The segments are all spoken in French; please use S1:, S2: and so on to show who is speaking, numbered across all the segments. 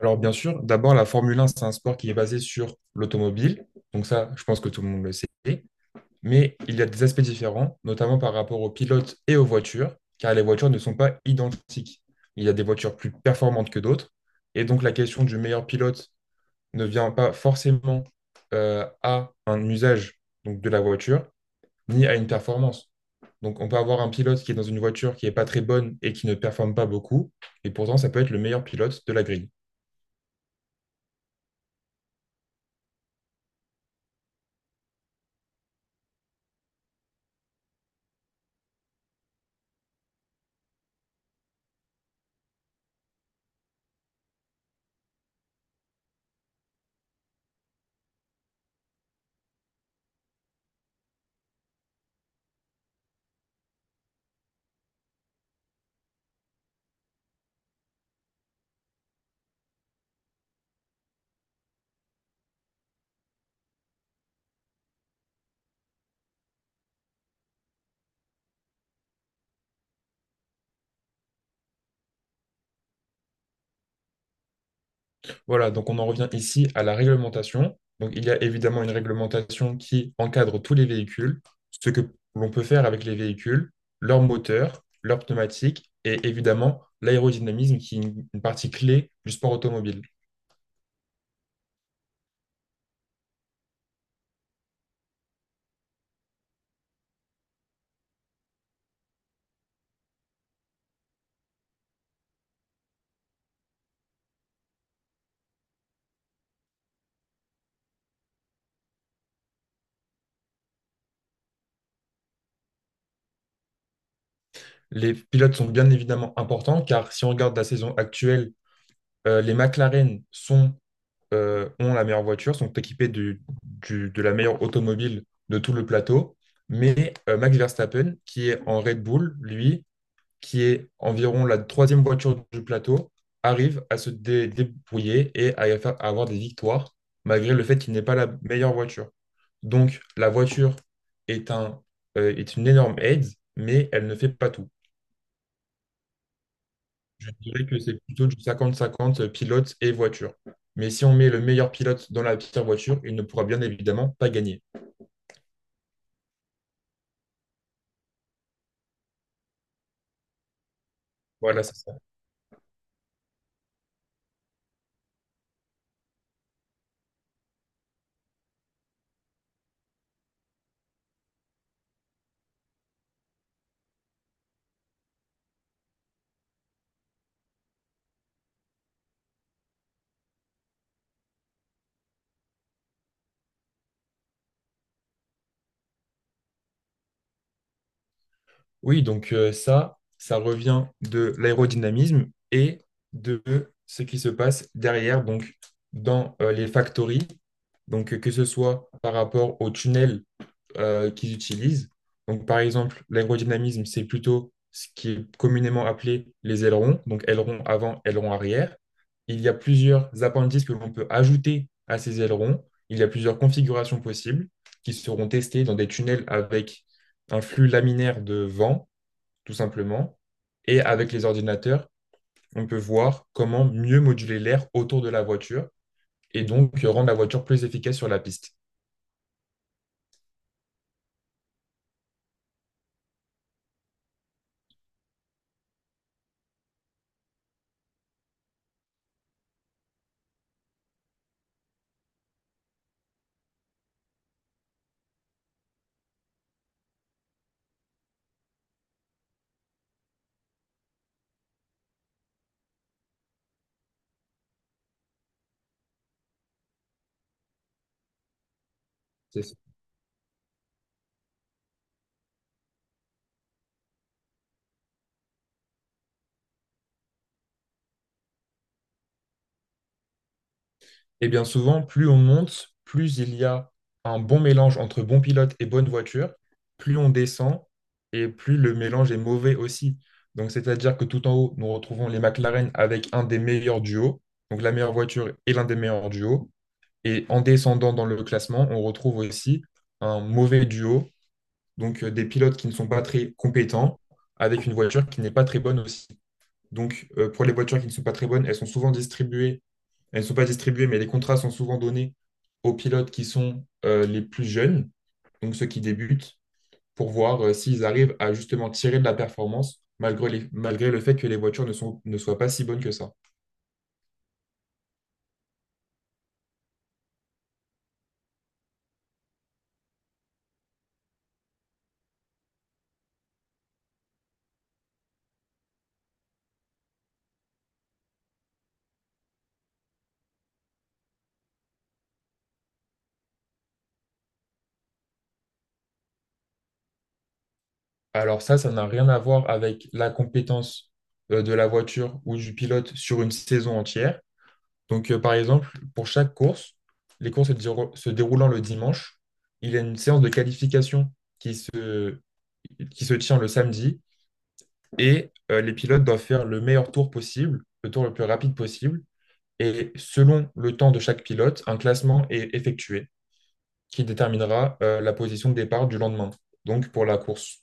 S1: Alors bien sûr, d'abord la Formule 1, c'est un sport qui est basé sur l'automobile, donc ça, je pense que tout le monde le sait, mais il y a des aspects différents, notamment par rapport aux pilotes et aux voitures, car les voitures ne sont pas identiques. Il y a des voitures plus performantes que d'autres, et donc la question du meilleur pilote ne vient pas forcément à un usage donc, de la voiture, ni à une performance. Donc on peut avoir un pilote qui est dans une voiture qui n'est pas très bonne et qui ne performe pas beaucoup, et pourtant ça peut être le meilleur pilote de la grille. Voilà, donc on en revient ici à la réglementation. Donc il y a évidemment une réglementation qui encadre tous les véhicules, ce que l'on peut faire avec les véhicules, leur moteur, leur pneumatique et évidemment l'aérodynamisme qui est une partie clé du sport automobile. Les pilotes sont bien évidemment importants car si on regarde la saison actuelle, les McLaren sont, ont la meilleure voiture, sont équipés de la meilleure automobile de tout le plateau. Mais Max Verstappen, qui est en Red Bull, lui, qui est environ la troisième voiture du plateau, arrive à débrouiller et à, à avoir des victoires, malgré le fait qu'il n'est pas la meilleure voiture. Donc, la voiture est un, est une énorme aide, mais elle ne fait pas tout. Je dirais que c'est plutôt du 50-50 pilote et voiture. Mais si on met le meilleur pilote dans la pire voiture, il ne pourra bien évidemment pas gagner. Voilà, c'est ça. Oui, donc ça, ça revient de l'aérodynamisme et de ce qui se passe derrière, donc dans les factories, donc que ce soit par rapport aux tunnels qu'ils utilisent. Donc par exemple, l'aérodynamisme, c'est plutôt ce qui est communément appelé les ailerons, donc ailerons avant, ailerons arrière. Il y a plusieurs appendices que l'on peut ajouter à ces ailerons. Il y a plusieurs configurations possibles qui seront testées dans des tunnels avec un flux laminaire de vent tout simplement. Et avec les ordinateurs, on peut voir comment mieux moduler l'air autour de la voiture et donc rendre la voiture plus efficace sur la piste. C'est ça. Et bien souvent, plus on monte, plus il y a un bon mélange entre bon pilote et bonne voiture, plus on descend et plus le mélange est mauvais aussi. Donc c'est-à-dire que tout en haut, nous retrouvons les McLaren avec un des meilleurs duos, donc la meilleure voiture et l'un des meilleurs duos. Et en descendant dans le classement, on retrouve aussi un mauvais duo, donc des pilotes qui ne sont pas très compétents, avec une voiture qui n'est pas très bonne aussi. Donc pour les voitures qui ne sont pas très bonnes, elles sont souvent distribuées, elles ne sont pas distribuées, mais les contrats sont souvent donnés aux pilotes qui sont les plus jeunes, donc ceux qui débutent, pour voir s'ils arrivent à justement tirer de la performance malgré le fait que les voitures ne sont, ne soient pas si bonnes que ça. Alors ça n'a rien à voir avec la compétence de la voiture ou du pilote sur une saison entière. Donc, par exemple, pour chaque course, les courses se déroulant le dimanche, il y a une séance de qualification qui se, qui se tient le samedi et les pilotes doivent faire le meilleur tour possible, le tour le plus rapide possible. Et selon le temps de chaque pilote, un classement est effectué qui déterminera la position de départ du lendemain, donc pour la course.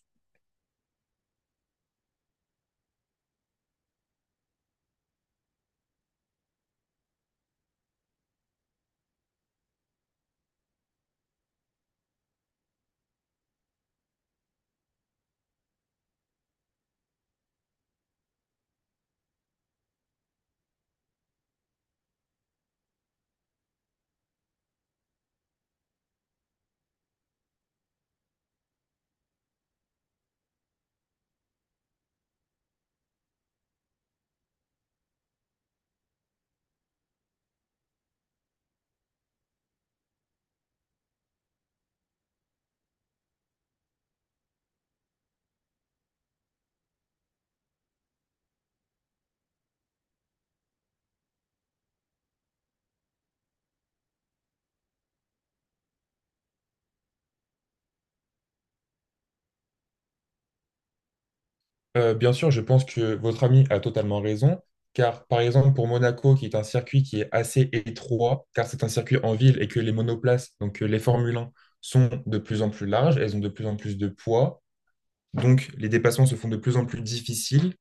S1: Bien sûr, je pense que votre ami a totalement raison, car par exemple pour Monaco, qui est un circuit qui est assez étroit, car c'est un circuit en ville et que les monoplaces, donc les Formule 1, sont de plus en plus larges, elles ont de plus en plus de poids, donc les dépassements se font de plus en plus difficiles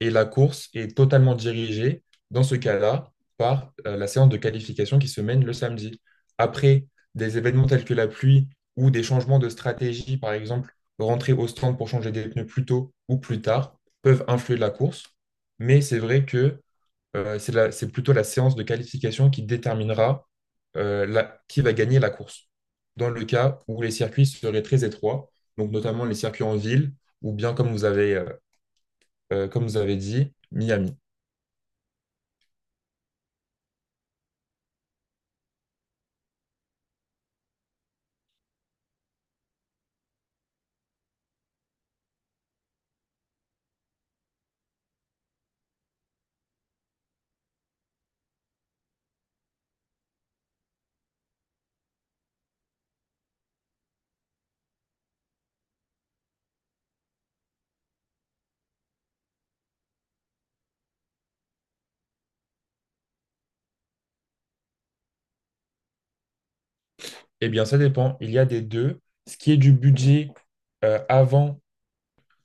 S1: et la course est totalement dirigée, dans ce cas-là, par la séance de qualification qui se mène le samedi. Après des événements tels que la pluie ou des changements de stratégie, par exemple, rentrer au stand pour changer des pneus plus tôt ou plus tard, peuvent influer la course. Mais c'est vrai que c'est plutôt la séance de qualification qui déterminera qui va gagner la course. Dans le cas où les circuits seraient très étroits, donc notamment les circuits en ville, ou bien comme vous avez dit, Miami. Eh bien, ça dépend. Il y a des deux. Ce qui est du budget, avant,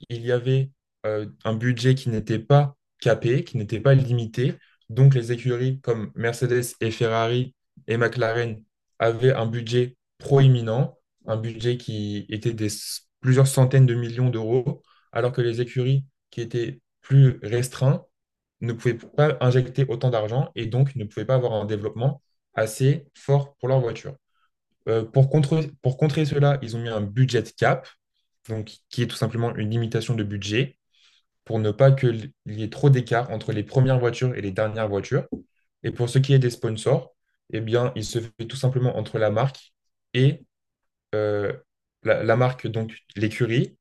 S1: il y avait un budget qui n'était pas capé, qui n'était pas limité. Donc, les écuries comme Mercedes et Ferrari et McLaren avaient un budget proéminent, un budget qui était plusieurs centaines de millions d'€, alors que les écuries qui étaient plus restreintes ne pouvaient pas injecter autant d'argent et donc ne pouvaient pas avoir un développement assez fort pour leur voiture. Pour contrer cela, ils ont mis un budget cap, donc, qui est tout simplement une limitation de budget pour ne pas qu'il y ait trop d'écart entre les premières voitures et les dernières voitures. Et pour ce qui est des sponsors, eh bien, il se fait tout simplement entre la marque et euh, la marque, donc l'écurie,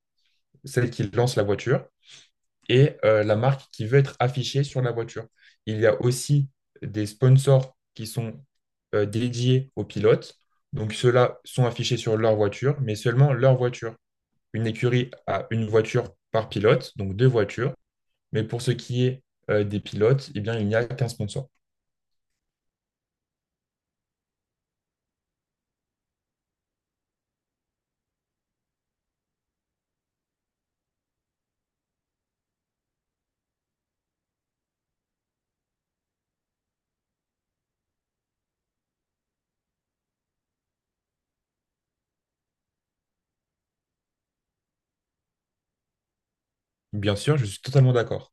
S1: celle qui lance la voiture, et la marque qui veut être affichée sur la voiture. Il y a aussi des sponsors qui sont dédiés aux pilotes. Donc ceux-là sont affichés sur leur voiture, mais seulement leur voiture. Une écurie a une voiture par pilote, donc deux voitures. Mais pour ce qui est des pilotes, eh bien, il n'y a qu'un sponsor. Bien sûr, je suis totalement d'accord.